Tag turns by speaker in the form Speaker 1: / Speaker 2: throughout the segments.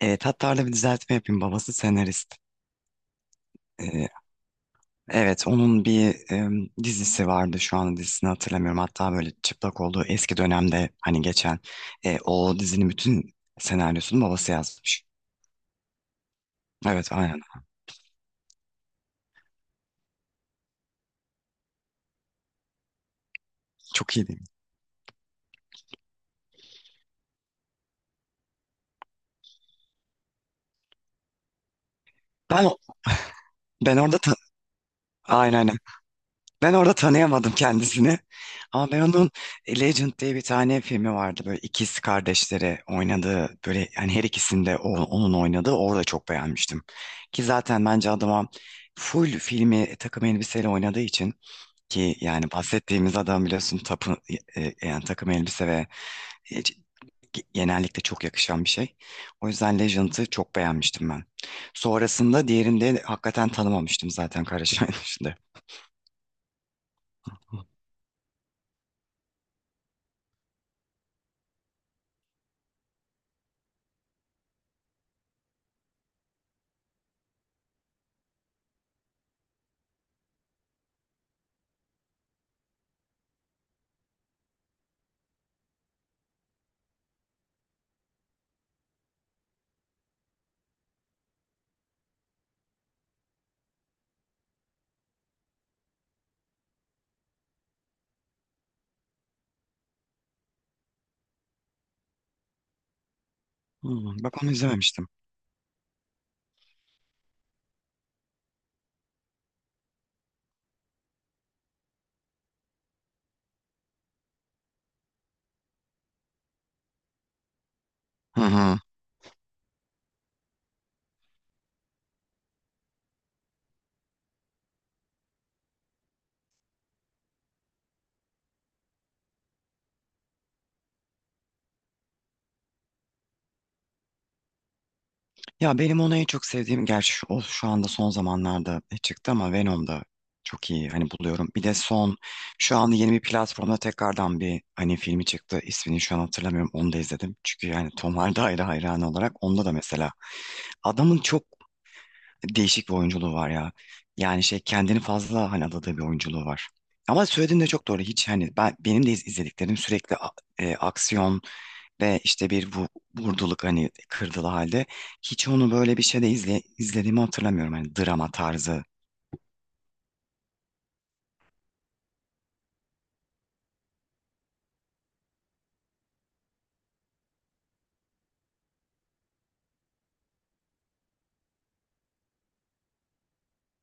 Speaker 1: Evet, hatta arada bir düzeltme yapayım. Babası senarist. Ee, evet, onun bir dizisi vardı. Şu an dizisini hatırlamıyorum. Hatta böyle çıplak olduğu eski dönemde hani geçen o dizinin bütün senaryosunu babası yazmış. Evet, aynen. Çok iyi değil mi? Ben ben orada ta- aynen aynen. Ben orada tanıyamadım kendisini. Ama ben onun Legend diye bir tane filmi vardı. Böyle ikiz kardeşleri oynadığı böyle yani her ikisinde onun oynadığı orada çok beğenmiştim. Ki zaten bence adama full filmi takım elbiseyle oynadığı için ki yani bahsettiğimiz adam biliyorsun tapı, yani takım elbise ve e, c- genellikle çok yakışan bir şey. O yüzden Legend'ı çok beğenmiştim ben. Sonrasında diğerinde hakikaten tanımamıştım zaten Kara Şahin dışında. Hmm, bak onu izlememiştim. Hı hı. Ya benim onu en çok sevdiğim gerçi o şu anda son zamanlarda çıktı ama Venom'da çok iyi hani buluyorum. Bir de son şu anda yeni bir platformda tekrardan bir hani filmi çıktı. İsmini şu an hatırlamıyorum. Onu da izledim. Çünkü yani Tom Hardy ayrı hayranı olarak onda da mesela adamın çok değişik bir oyunculuğu var ya. Yani şey kendini fazla hani adadığı bir oyunculuğu var. Ama söylediğin de çok doğru. Hiç hani ben benim de izlediklerim sürekli aksiyon ve işte bir bu, vurduluk hani kırdılı halde hiç onu böyle bir şeyde izlediğimi hatırlamıyorum hani drama tarzı.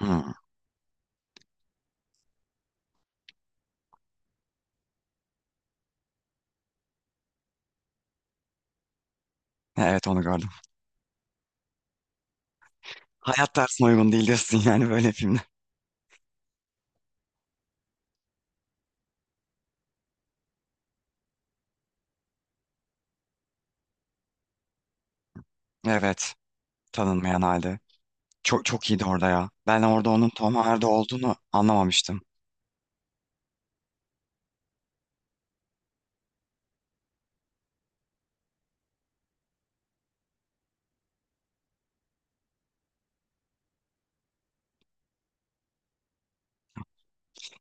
Speaker 1: Hmm. Evet, onu gördüm. Hayat tarzına uygun değil diyorsun yani böyle filmler. Evet, tanınmayan halde. Çok çok iyiydi orada ya. Ben orada onun Tom Hardy olduğunu anlamamıştım.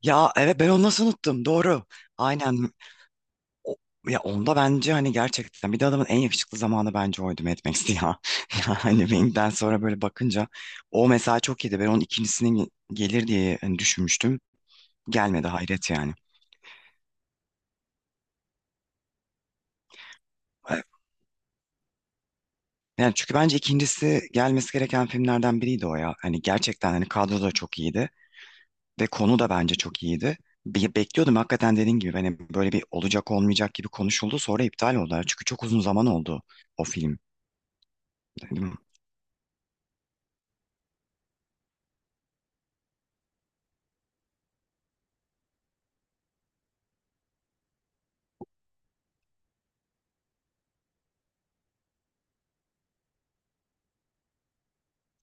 Speaker 1: Ya evet, ben onu nasıl unuttum, doğru. Aynen. O- Ya onda bence hani gerçekten bir de adamın en yakışıklı zamanı bence oydu, Mad Max'ti ya. Yani Wing'den sonra böyle bakınca o mesela çok iyiydi. Ben onun ikincisinin gelir diye hani düşünmüştüm. Gelmedi, hayret yani. Evet. Yani çünkü bence ikincisi gelmesi gereken filmlerden biriydi o ya. Hani gerçekten hani kadro da çok iyiydi ve konu da bence çok iyiydi. Bekliyordum hakikaten dediğin gibi hani böyle bir olacak olmayacak gibi konuşuldu, sonra iptal oldular. Çünkü çok uzun zaman oldu o film. Değil mi?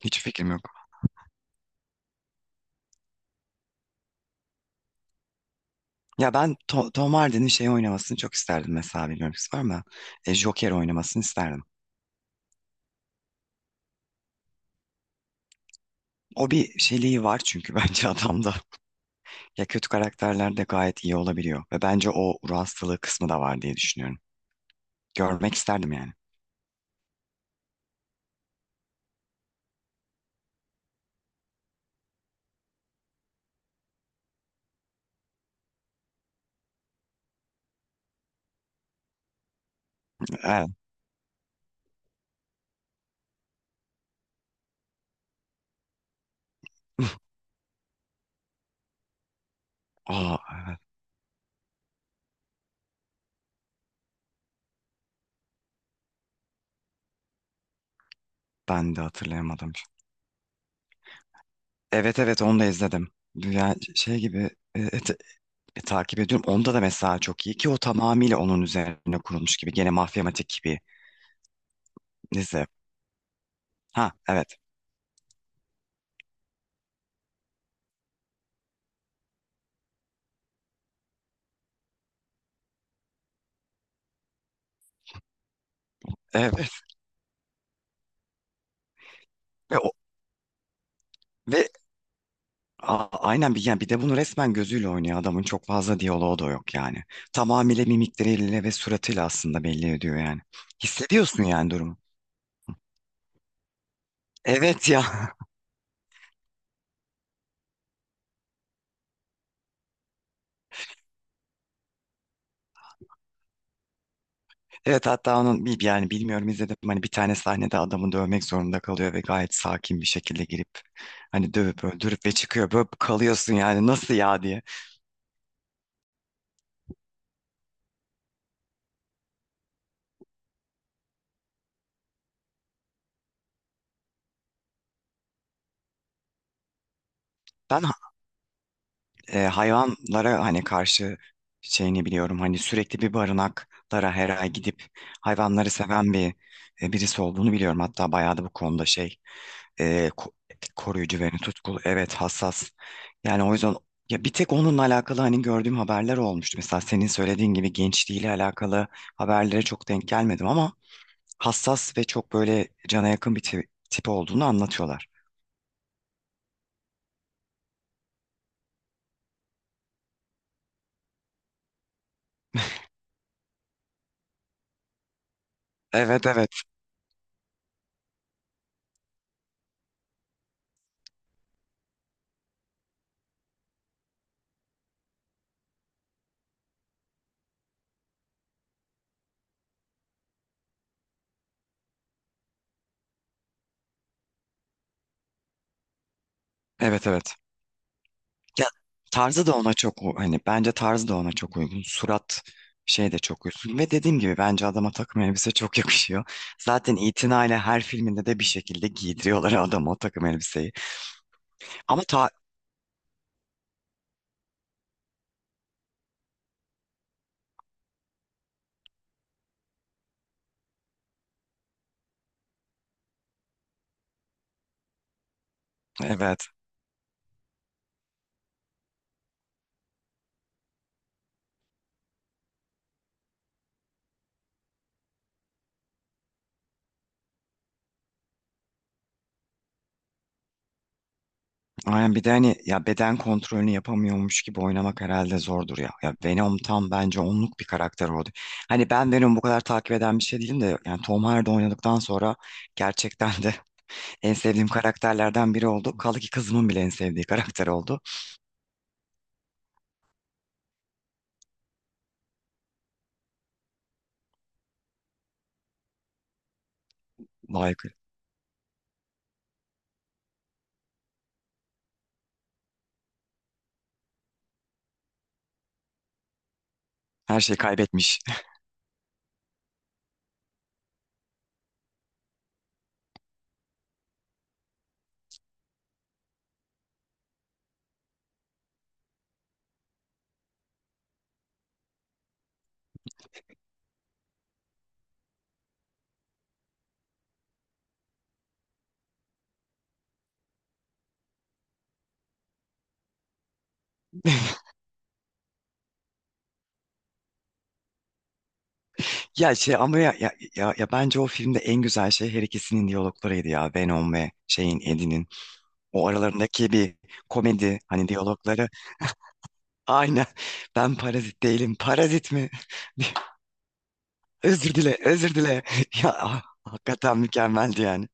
Speaker 1: Hiç fikrim yok. Ya ben Tom Hardy'nin şey oynamasını çok isterdim, mesela bilmiyorum siz var mı? Joker oynamasını isterdim. O bir şeyliği var çünkü bence adamda. Ya, kötü karakterlerde gayet iyi olabiliyor. Ve bence o ruh hastalığı kısmı da var diye düşünüyorum. Görmek isterdim yani. Evet. Aa, evet. Ben de hatırlayamadım. Evet evet, onu da izledim. Yani şey gibi e, et- takip ediyorum. Onda da mesela çok iyi, ki o tamamıyla onun üzerine kurulmuş gibi. Gene mafyamatik gibi. Neyse. Ha, evet. Evet. Ve, o, ve A- Aynen, bir yani bir de bunu resmen gözüyle oynuyor, adamın çok fazla diyaloğu da yok yani. Tamamıyla mimikleriyle ve suratıyla aslında belli ediyor yani. Hissediyorsun yani durumu. Evet ya. Evet, hatta onun bir yani bilmiyorum izledim mi, hani bir tane sahnede adamı dövmek zorunda kalıyor ve gayet sakin bir şekilde girip hani dövüp öldürüp ve çıkıyor. Böyle kalıyorsun yani, nasıl ya diye. Ben hayvanlara hani karşı şeyini biliyorum. Hani sürekli bir barınaklara her ay gidip hayvanları seven bir birisi olduğunu biliyorum. Hatta bayağı da bu konuda şey e, ko- koruyucu ve tutkulu, evet, hassas. Yani o yüzden ya, bir tek onunla alakalı hani gördüğüm haberler olmuştu. Mesela senin söylediğin gibi gençliğiyle alakalı haberlere çok denk gelmedim ama hassas ve çok böyle cana yakın bir tip olduğunu anlatıyorlar. Evet evet. Evet evet. Ya tarzı da ona çok hani bence tarzı da ona çok uygun. Surat şey de çok uygun. Ve dediğim gibi bence adama takım elbise çok yakışıyor. Zaten itinayla her filminde de bir şekilde giydiriyorlar adama o takım elbiseyi. Ama evet. Aynen, bir de hani ya beden kontrolünü yapamıyormuş gibi oynamak herhalde zordur ya. Ya Venom tam bence onluk bir karakter oldu. Hani ben Venom'u bu kadar takip eden bir şey değilim de, yani Tom Hardy oynadıktan sonra gerçekten de en sevdiğim karakterlerden biri oldu. Kaldı ki kızımın bile en sevdiği karakter oldu. Vay. Her şeyi kaybetmiş. Ya şey ama ya bence o filmde en güzel şey her ikisinin diyaloglarıydı ya. Venom ve şeyin, Eddie'nin. O aralarındaki bir komedi hani diyalogları. Aynen. Ben parazit değilim. Parazit mi? Özür dile, özür dile. Ya ah, hakikaten mükemmeldi yani.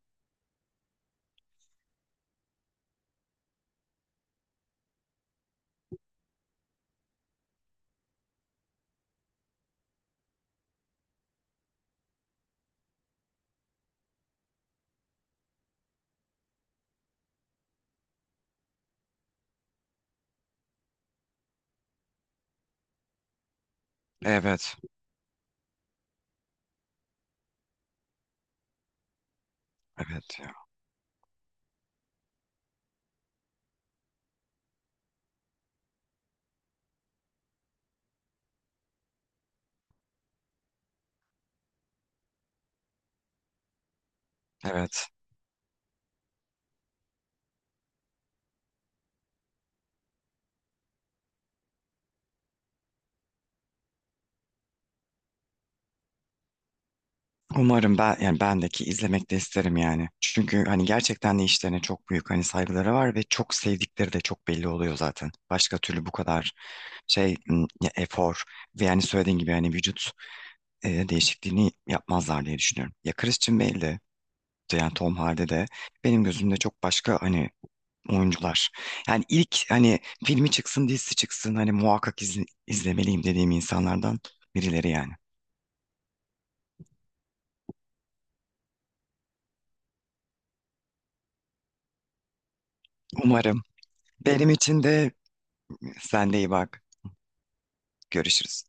Speaker 1: Evet, evet ya. Evet. Umarım, ben yani bendeki izlemek de isterim yani. Çünkü hani gerçekten de işlerine çok büyük hani saygıları var ve çok sevdikleri de çok belli oluyor zaten. Başka türlü bu kadar şey ya efor ve yani söylediğin gibi hani vücut değişikliğini yapmazlar diye düşünüyorum. Ya Christian Bale'de de yani Tom Hardy de benim gözümde çok başka hani oyuncular. Yani ilk hani filmi çıksın dizisi çıksın hani muhakkak izlemeliyim dediğim insanlardan birileri yani. Umarım. Benim için de sen de iyi bak. Görüşürüz.